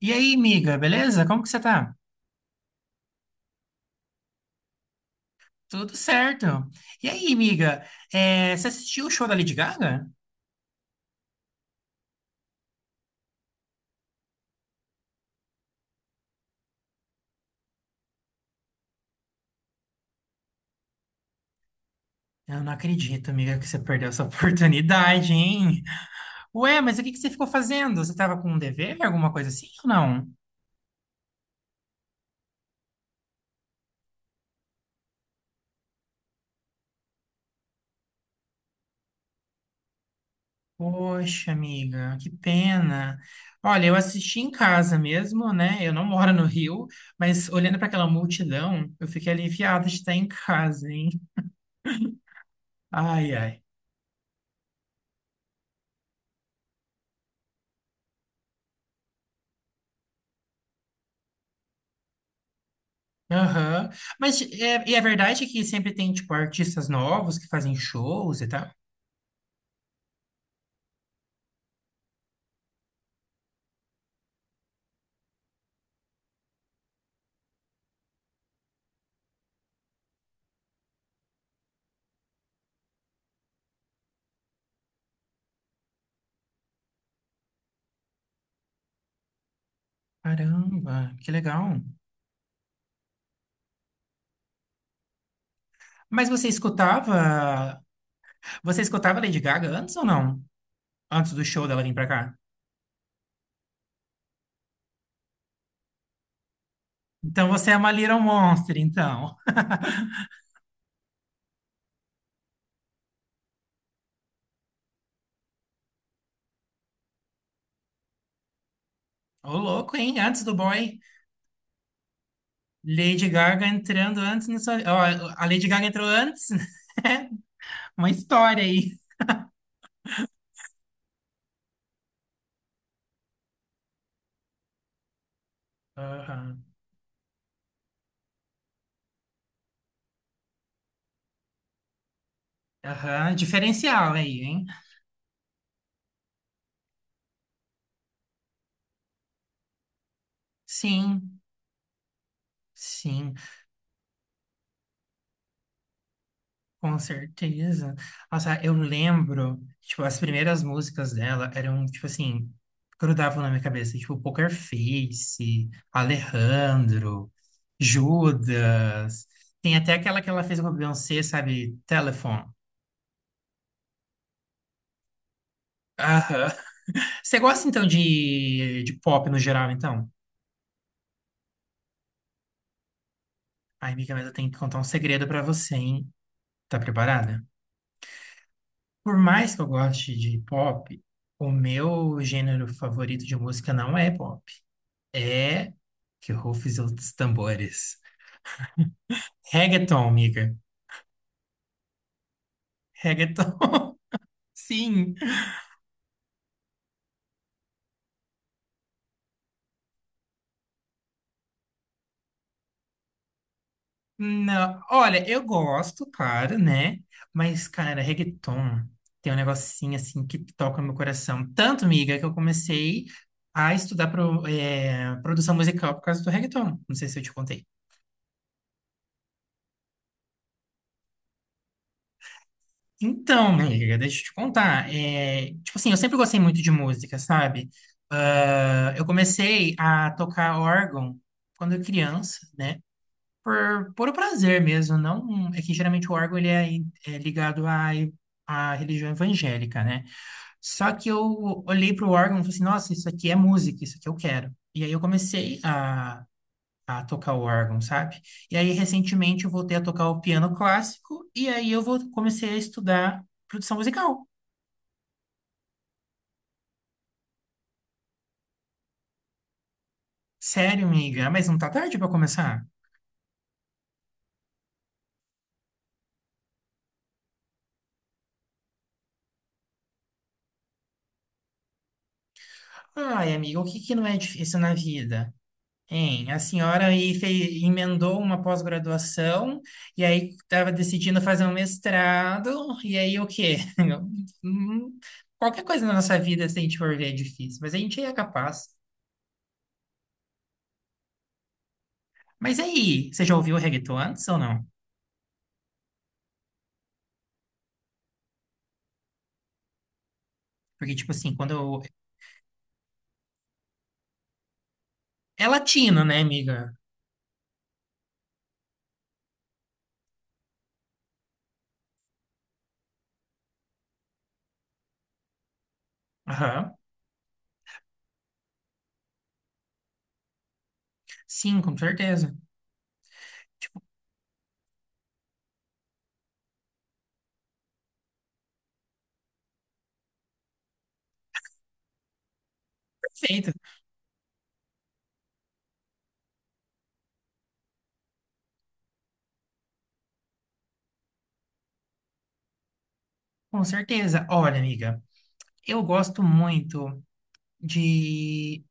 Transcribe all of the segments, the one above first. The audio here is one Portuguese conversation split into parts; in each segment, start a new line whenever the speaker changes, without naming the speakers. E aí, miga, beleza? Como que você tá? Tudo certo. E aí, miga, você assistiu o show da Lady Gaga? Eu não acredito, miga, que você perdeu essa oportunidade, hein? Ué, mas o que que você ficou fazendo? Você tava com um dever, alguma coisa assim ou não? Poxa, amiga, que pena. Olha, eu assisti em casa mesmo, né? Eu não moro no Rio, mas olhando para aquela multidão, eu fiquei aliviada de estar em casa, hein? Ai, ai. Aham. Mas é, e é verdade que sempre tem, tipo, artistas novos que fazem shows e tal? Caramba, que legal. Mas você escutava, você escutava Lady Gaga antes ou não? Antes do show dela vir pra cá? Então você é uma Little Monster, então. Ô, louco, hein? Antes do boy. Lady Gaga entrando antes na sua. Ó, a Lady Gaga entrou antes? Uma história aí. Aham. Aham. Diferencial aí, hein? Sim, sim, com certeza. Nossa, eu lembro, tipo, as primeiras músicas dela eram, tipo assim, grudavam na minha cabeça, tipo, Poker Face, Alejandro, Judas. Tem até aquela que ela fez com a Beyoncé, sabe? Telephone. Aham. Você gosta então de pop no geral, então? Ai, amiga, mas eu tenho que contar um segredo pra você, hein? Tá preparada? Por mais que eu goste de pop, o meu gênero favorito de música não é pop. É que rufem os tambores. Reggaeton, amiga. Reggaeton. Sim. Não, olha, eu gosto, claro, né? Mas, cara, reggaeton tem um negocinho assim que toca meu coração. Tanto, miga, que eu comecei a estudar produção musical por causa do reggaeton. Não sei se eu te contei. Então, amiga, deixa eu te contar. É tipo assim, eu sempre gostei muito de música, sabe? Ah, eu comecei a tocar órgão quando eu criança, né? Por o prazer mesmo, não é que geralmente o órgão ele é, é ligado à religião evangélica, né? Só que eu olhei para o órgão e falei assim, nossa, isso aqui é música, isso aqui eu quero. E aí a tocar o órgão, sabe? E aí recentemente eu voltei a tocar o piano clássico e aí comecei a estudar produção musical. Sério, amiga. Ah, mas não tá tarde para começar? Ai, amiga, o que que não é difícil na vida? Hein, a senhora aí fez, emendou uma pós-graduação e aí estava decidindo fazer um mestrado, e aí o quê? Hum, qualquer coisa na nossa vida, se a gente for ver, é difícil, mas a gente é capaz. Mas aí, você já ouviu o reggaeton antes ou não? Porque, tipo assim, quando eu... É latino, né, amiga? Aham. Sim, com certeza. Perfeito. Com certeza. Olha, amiga, eu gosto muito de...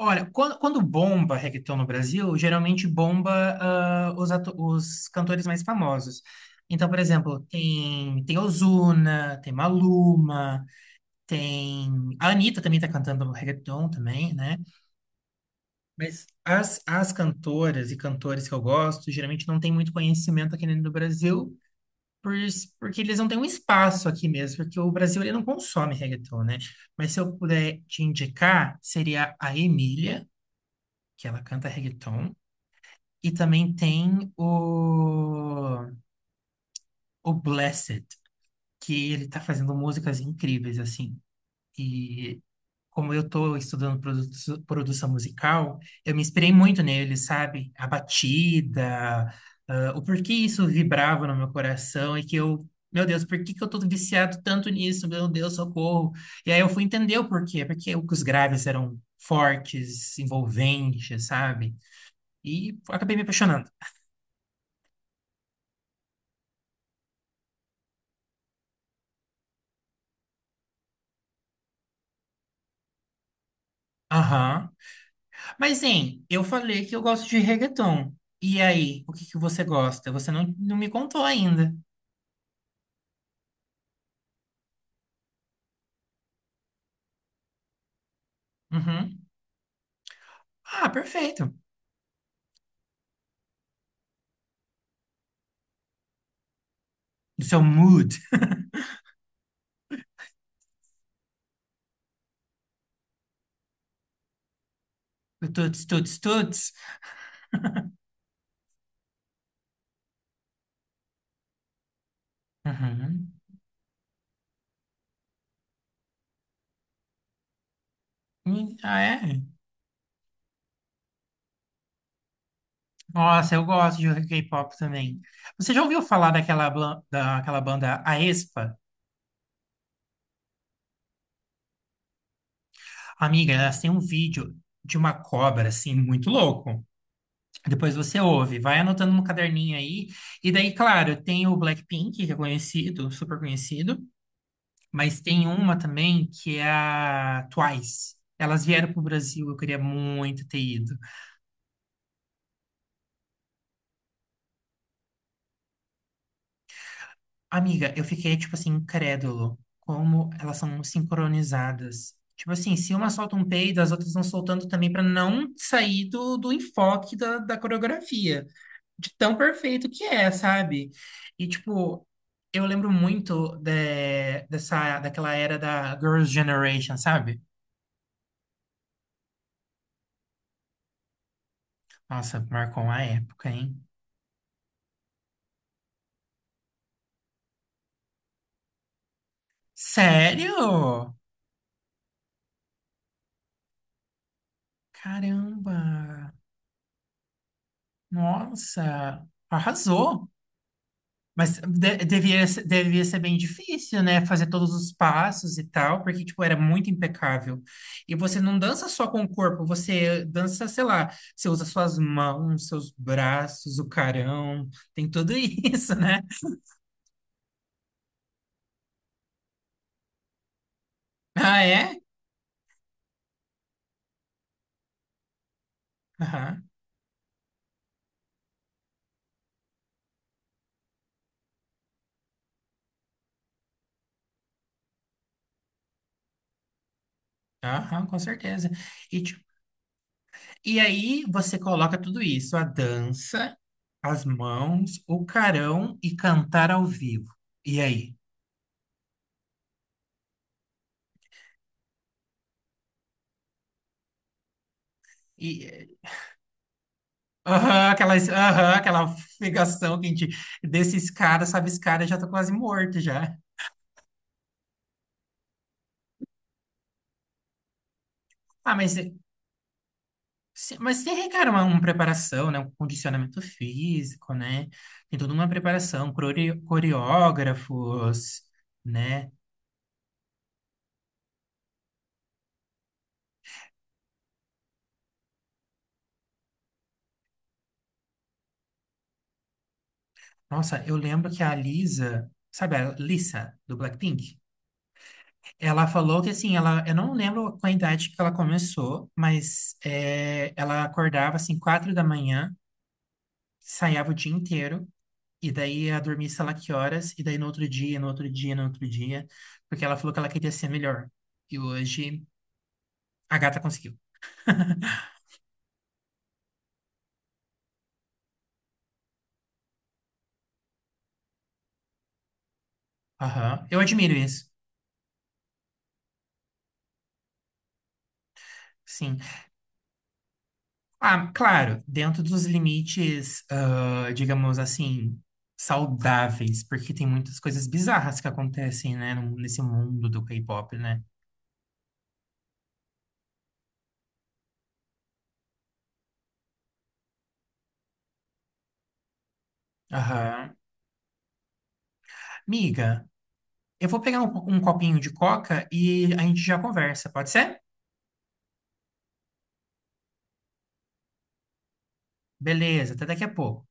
Olha, quando bomba reggaeton no Brasil, geralmente bomba os cantores mais famosos. Então, por exemplo, tem Ozuna, tem Maluma, tem... A Anitta também tá cantando reggaeton também, né? Mas as cantoras e cantores que eu gosto, geralmente não tem muito conhecimento aqui dentro do Brasil, porque eles não têm um espaço aqui mesmo, porque o Brasil ele não consome reggaeton, né? Mas se eu puder te indicar, seria a Emília, que ela canta reggaeton. E também tem o Blessed, que ele tá fazendo músicas incríveis, assim. E como eu tô estudando produção musical, eu me inspirei muito nele, sabe? A batida, o porquê isso vibrava no meu coração e que eu, meu Deus, por que que eu tô viciado tanto nisso? Meu Deus, socorro. E aí eu fui entender o porquê, porque os graves eram fortes, envolventes, sabe? E acabei me apaixonando. Aham. Mas, hein, eu falei que eu gosto de reggaeton. E aí, o que que você gosta? Você não me contou ainda. Uhum. Ah, perfeito. Do seu mood. Do Tuts, tuts, tuts. Uhum. Hum. Ah, é? Nossa, eu gosto de K-pop também. Você já ouviu falar daquela banda Aespa? Amiga, elas têm um vídeo de uma cobra, assim, muito louco. Depois você ouve, vai anotando no caderninho aí. E daí, claro, tem o Blackpink, que é conhecido, super conhecido. Mas tem uma também que é a Twice. Elas vieram pro Brasil, eu queria muito ter ido. Amiga, eu fiquei, tipo assim, incrédulo. Como elas são sincronizadas. Tipo assim, se uma solta um peido, as outras vão soltando também pra não sair do enfoque da coreografia. De tão perfeito que é, sabe? E, tipo, eu lembro muito dessa, daquela era da Girls' Generation, sabe? Nossa, marcou uma época, hein? Sério? Caramba! Nossa! Arrasou! Mas devia ser bem difícil, né? Fazer todos os passos e tal, porque, tipo, era muito impecável. E você não dança só com o corpo, você dança, sei lá, você usa suas mãos, seus braços, o carão, tem tudo isso, né? Ah, é? Aham, aham, com certeza. E, tipo, e aí você coloca tudo isso, a dança, as mãos, o carão e cantar ao vivo. E aí? E, aham, aquela figação que a gente, desses caras, sabe, esse cara já tá quase morto já. Ah, mas, é, se- mas tem requer uma preparação, né? Um condicionamento físico, né? Tem toda uma preparação, coreógrafos, né? Nossa, eu lembro que a Lisa, sabe a Lisa do Blackpink? Ela falou que assim, ela, eu não lembro com a idade que ela começou, mas é, ela acordava assim 4 da manhã, ensaiava o dia inteiro e daí ia dormir sei lá que horas e daí no outro dia, no outro dia, no outro dia, porque ela falou que ela queria ser melhor. E hoje a gata conseguiu. Aham, eu admiro isso. Sim. Ah, claro, dentro dos limites, ah, digamos assim, saudáveis, porque tem muitas coisas bizarras que acontecem, né, nesse mundo do K-pop, né? Aham. Amiga, eu vou pegar um copinho de coca e a gente já conversa, pode ser? Beleza, até daqui a pouco.